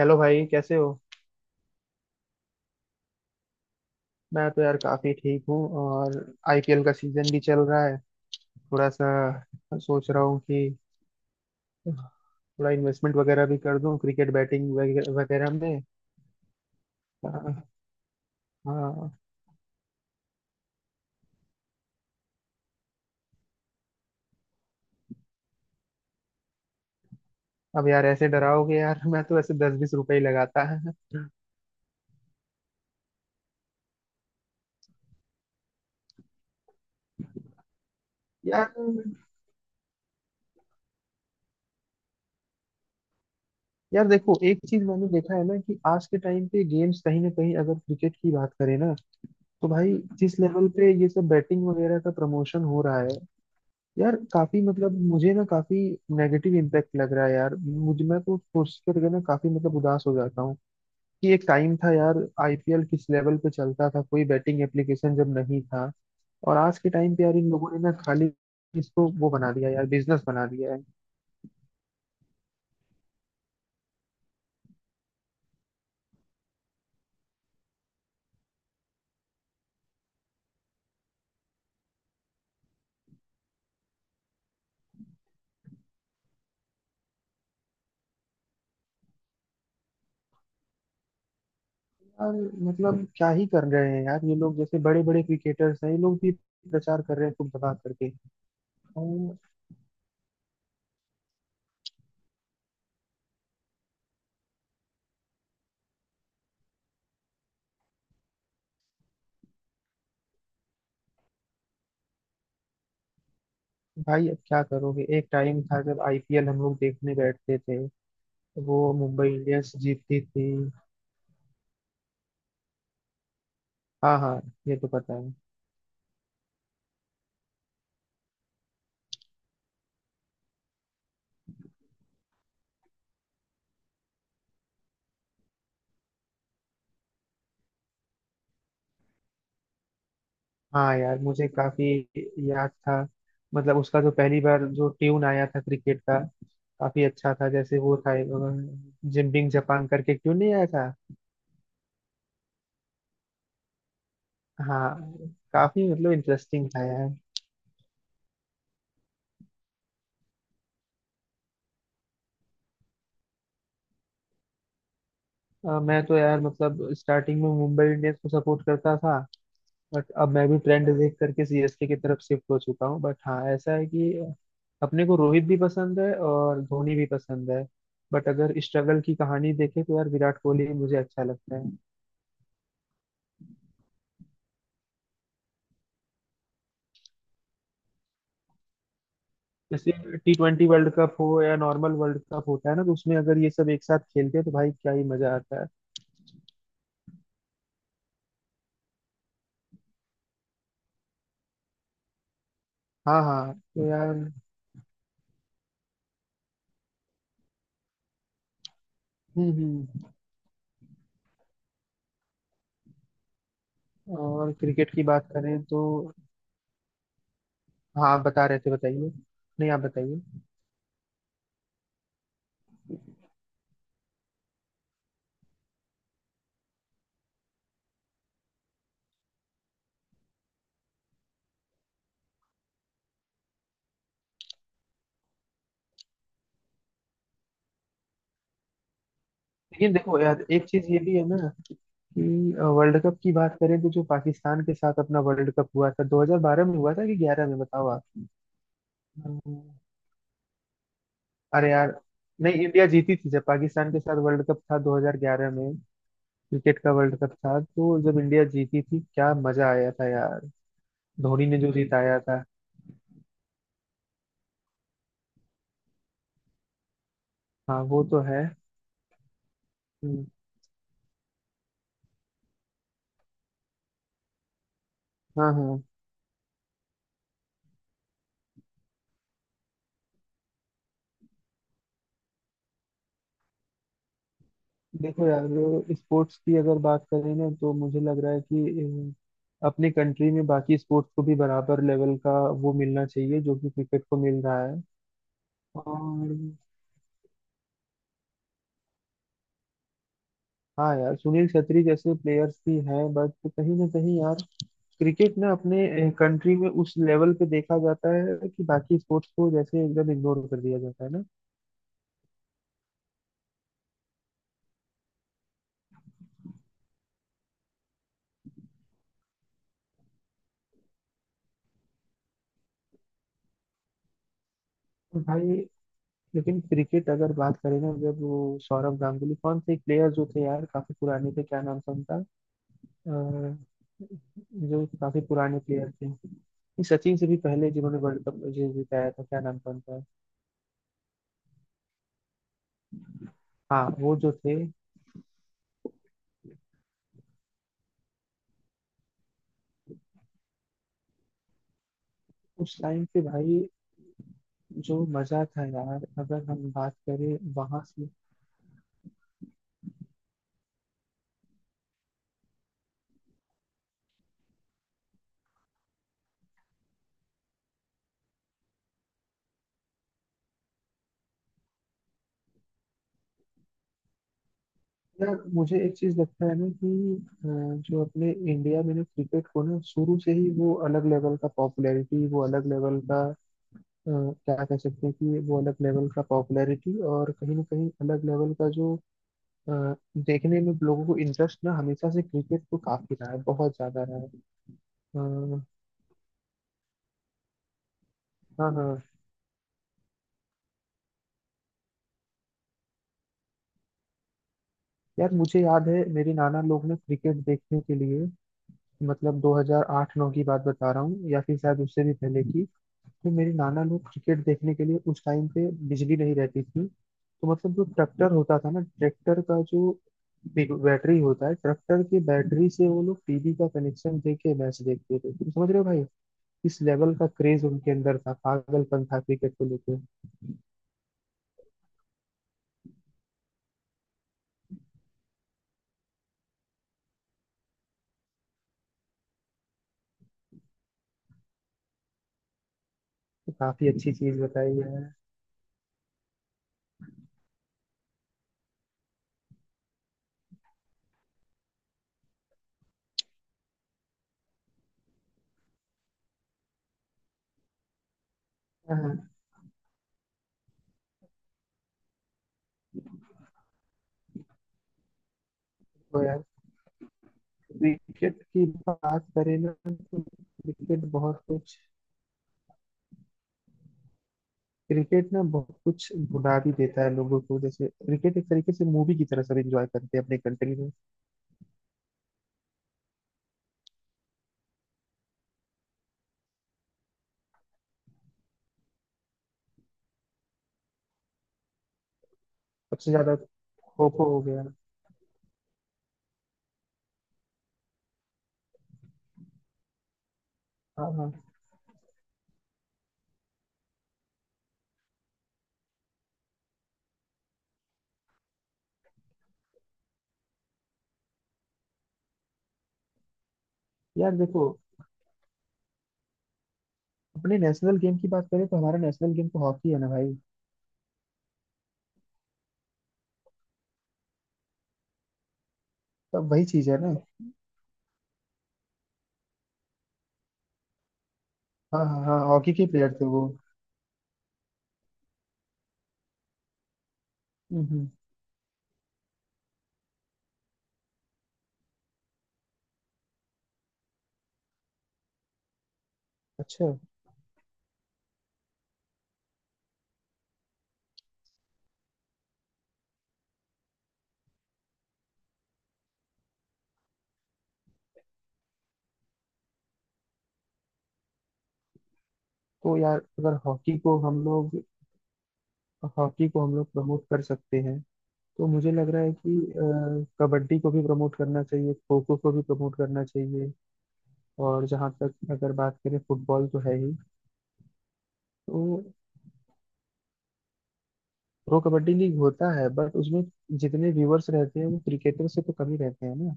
Hello भाई कैसे हो। मैं तो यार काफी ठीक हूँ। और आईपीएल का सीजन भी चल रहा है। थोड़ा सा सोच रहा हूँ कि थोड़ा इन्वेस्टमेंट वगैरह भी कर दूं क्रिकेट बैटिंग वगैरह वगैरह में। हाँ। हाँ। अब यार ऐसे डराओगे यार, मैं तो ऐसे दस बीस रुपए ही लगाता है। यार, यार देखो एक चीज मैंने देखा है ना कि आज के टाइम पे गेम्स कहीं ना कहीं अगर क्रिकेट की बात करें ना तो भाई, जिस लेवल पे ये सब बैटिंग वगैरह का प्रमोशन हो रहा है यार काफी मतलब मुझे ना काफी नेगेटिव इम्पैक्ट लग रहा है यार। मुझ मैं तो सोच करके ना काफी मतलब उदास हो जाता हूँ कि एक टाइम था यार, आईपीएल किस लेवल पे चलता था, कोई बैटिंग एप्लीकेशन जब नहीं था। और आज के टाइम पे यार इन लोगों ने ना खाली इसको वो बना दिया यार, बिजनेस बना दिया है। यार मतलब क्या ही कर रहे हैं यार ये लोग, जैसे बड़े बड़े क्रिकेटर्स हैं ये लोग भी प्रचार कर रहे हैं खूब दबा करके। और भाई अब क्या करोगे, एक टाइम था जब आईपीएल हम लोग देखने बैठते थे, वो मुंबई इंडियंस जीतती थी। हाँ हाँ, ये तो पता है। हाँ यार मुझे काफी याद था, मतलब उसका जो पहली बार जो ट्यून आया था क्रिकेट का, काफी अच्छा था जैसे वो था जिम्बिंग जापान करके क्यों नहीं आया था। हाँ, काफी मतलब इंटरेस्टिंग था यार। मैं तो यार मतलब स्टार्टिंग में मुंबई इंडियंस को सपोर्ट करता था, बट अब मैं भी ट्रेंड देख करके सीएसके की तरफ शिफ्ट हो चुका हूँ। बट हाँ, ऐसा है कि अपने को रोहित भी पसंद है और धोनी भी पसंद है। बट अगर स्ट्रगल की कहानी देखें तो यार विराट कोहली ही मुझे अच्छा लगता है। जैसे टी ट्वेंटी वर्ल्ड कप हो या नॉर्मल वर्ल्ड कप होता है ना, तो उसमें अगर ये सब एक साथ खेलते हैं तो भाई क्या ही मजा आता है। हाँ हाँ, तो यार। हम्म। और क्रिकेट की बात करें तो। हाँ बता रहे थे, बताइए। नहीं, आप बताइए। लेकिन देखो यार, एक चीज ये भी है ना कि वर्ल्ड कप की बात करें तो जो पाकिस्तान के साथ अपना वर्ल्ड कप हुआ था 2012 में हुआ था कि 11 में, बताओ आप। अम्म, अरे यार, नहीं इंडिया जीती थी जब पाकिस्तान के साथ वर्ल्ड कप था 2011 में। क्रिकेट का वर्ल्ड कप था, तो जब इंडिया जीती थी क्या मजा आया था यार, धोनी ने जो जिताया था। हाँ वो तो है। हम्म। हाँ हाँ। देखो यार, स्पोर्ट्स की अगर बात करें ना तो मुझे लग रहा है कि अपने कंट्री में बाकी स्पोर्ट्स को भी बराबर लेवल का वो मिलना चाहिए जो कि क्रिकेट को मिल रहा है। और हाँ यार, सुनील छेत्री जैसे प्लेयर्स भी हैं बट कहीं ना कहीं यार क्रिकेट ना अपने कंट्री में उस लेवल पे देखा जाता है कि बाकी स्पोर्ट्स को जैसे एकदम इग्नोर कर दिया जाता है ना। तो भाई, लेकिन क्रिकेट अगर बात करें ना, जब वो सौरव गांगुली कौन से प्लेयर जो थे यार काफी पुराने थे, क्या नाम था उनका। अ, जो काफी पुराने प्लेयर थे, इस सचिन से भी पहले जिन्होंने वर्ल्ड कप जीताया था, क्या नाम था उनका। हाँ वो जो थे, उस टाइम पे भाई जो मजा था यार अगर हम बात करें वहां से। यार मुझे एक चीज लगता है ना कि अ, जो अपने इंडिया में ना क्रिकेट को ना शुरू से ही वो अलग लेवल का पॉपुलैरिटी, वो अलग लेवल का क्या कह सकते हैं कि वो अलग लेवल का पॉपुलैरिटी और कहीं ना कहीं अलग लेवल का जो अ, देखने में लोगों को इंटरेस्ट ना हमेशा से क्रिकेट को काफी रहा है, बहुत ज्यादा रहा है। अ, हाँ हाँ। यार मुझे याद है मेरे नाना लोग ना क्रिकेट देखने के लिए, मतलब 2008-9 की बात बता रहा हूँ या फिर शायद उससे भी पहले की। तो मेरे नाना लोग क्रिकेट देखने के लिए, उस टाइम पे बिजली नहीं रहती थी, तो मतलब जो ट्रैक्टर होता था ना, ट्रैक्टर का जो बैटरी होता है, ट्रैक्टर की बैटरी से वो लोग टीवी का कनेक्शन दे के मैच देखते थे। तुम समझ रहे हो भाई किस लेवल का क्रेज उनके अंदर था, पागलपन था क्रिकेट को लेकर। तो काफी अच्छी चीज बताई है। हाँ। तो यार क्रिकेट की बात करें ना तो क्रिकेट बहुत कुछ। क्रिकेट ना बहुत कुछ भुला भी देता है लोगों को, जैसे क्रिकेट एक तरीके से मूवी की तरह सब एंजॉय करते हैं अपने कंट्री में। सबसे ज्यादा। खो खो हो गया। हाँ हाँ। यार देखो अपने नेशनल गेम की बात करें तो हमारा नेशनल गेम तो हॉकी है ना भाई। तब वही चीज है ना। हाँ हाँ हाँ, हॉकी के प्लेयर थे वो। हम्म हम्म। अच्छा। तो यार अगर हॉकी को हम लोग। हॉकी को हम लोग प्रमोट कर सकते हैं, तो मुझे लग रहा है कि कबड्डी को भी प्रमोट करना चाहिए, खो खो को भी प्रमोट करना चाहिए। और जहाँ तक अगर बात करें फुटबॉल तो है ही। तो प्रो कबड्डी लीग होता है बट उसमें जितने व्यूअर्स रहते हैं वो क्रिकेटर से तो कम ही रहते हैं ना।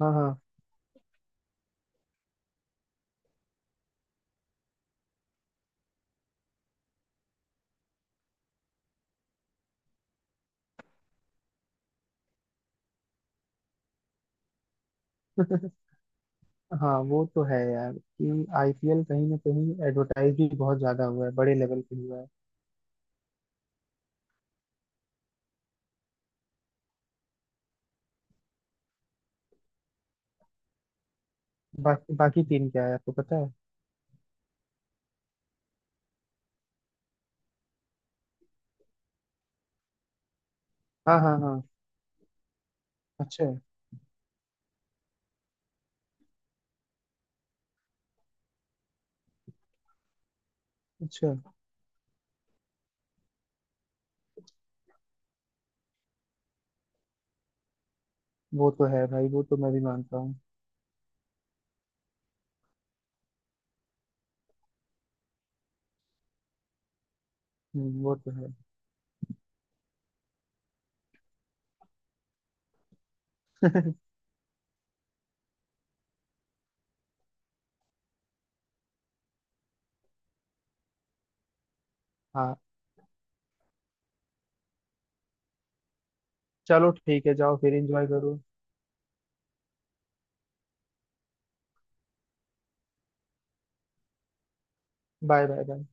हाँ हाँ। हाँ वो तो है यार कि आईपीएल कहीं ना कहीं एडवर्टाइज भी बहुत ज्यादा हुआ है, बड़े लेवल पे हुआ है। बाकी बाकी टीम क्या है आपको पता है। हाँ हाँ हाँ। अच्छा। अच्छा वो तो है भाई, वो तो मैं भी मानता हूँ। वो तो है। हाँ। चलो ठीक है, जाओ फिर एंजॉय करो। Bye bye bye.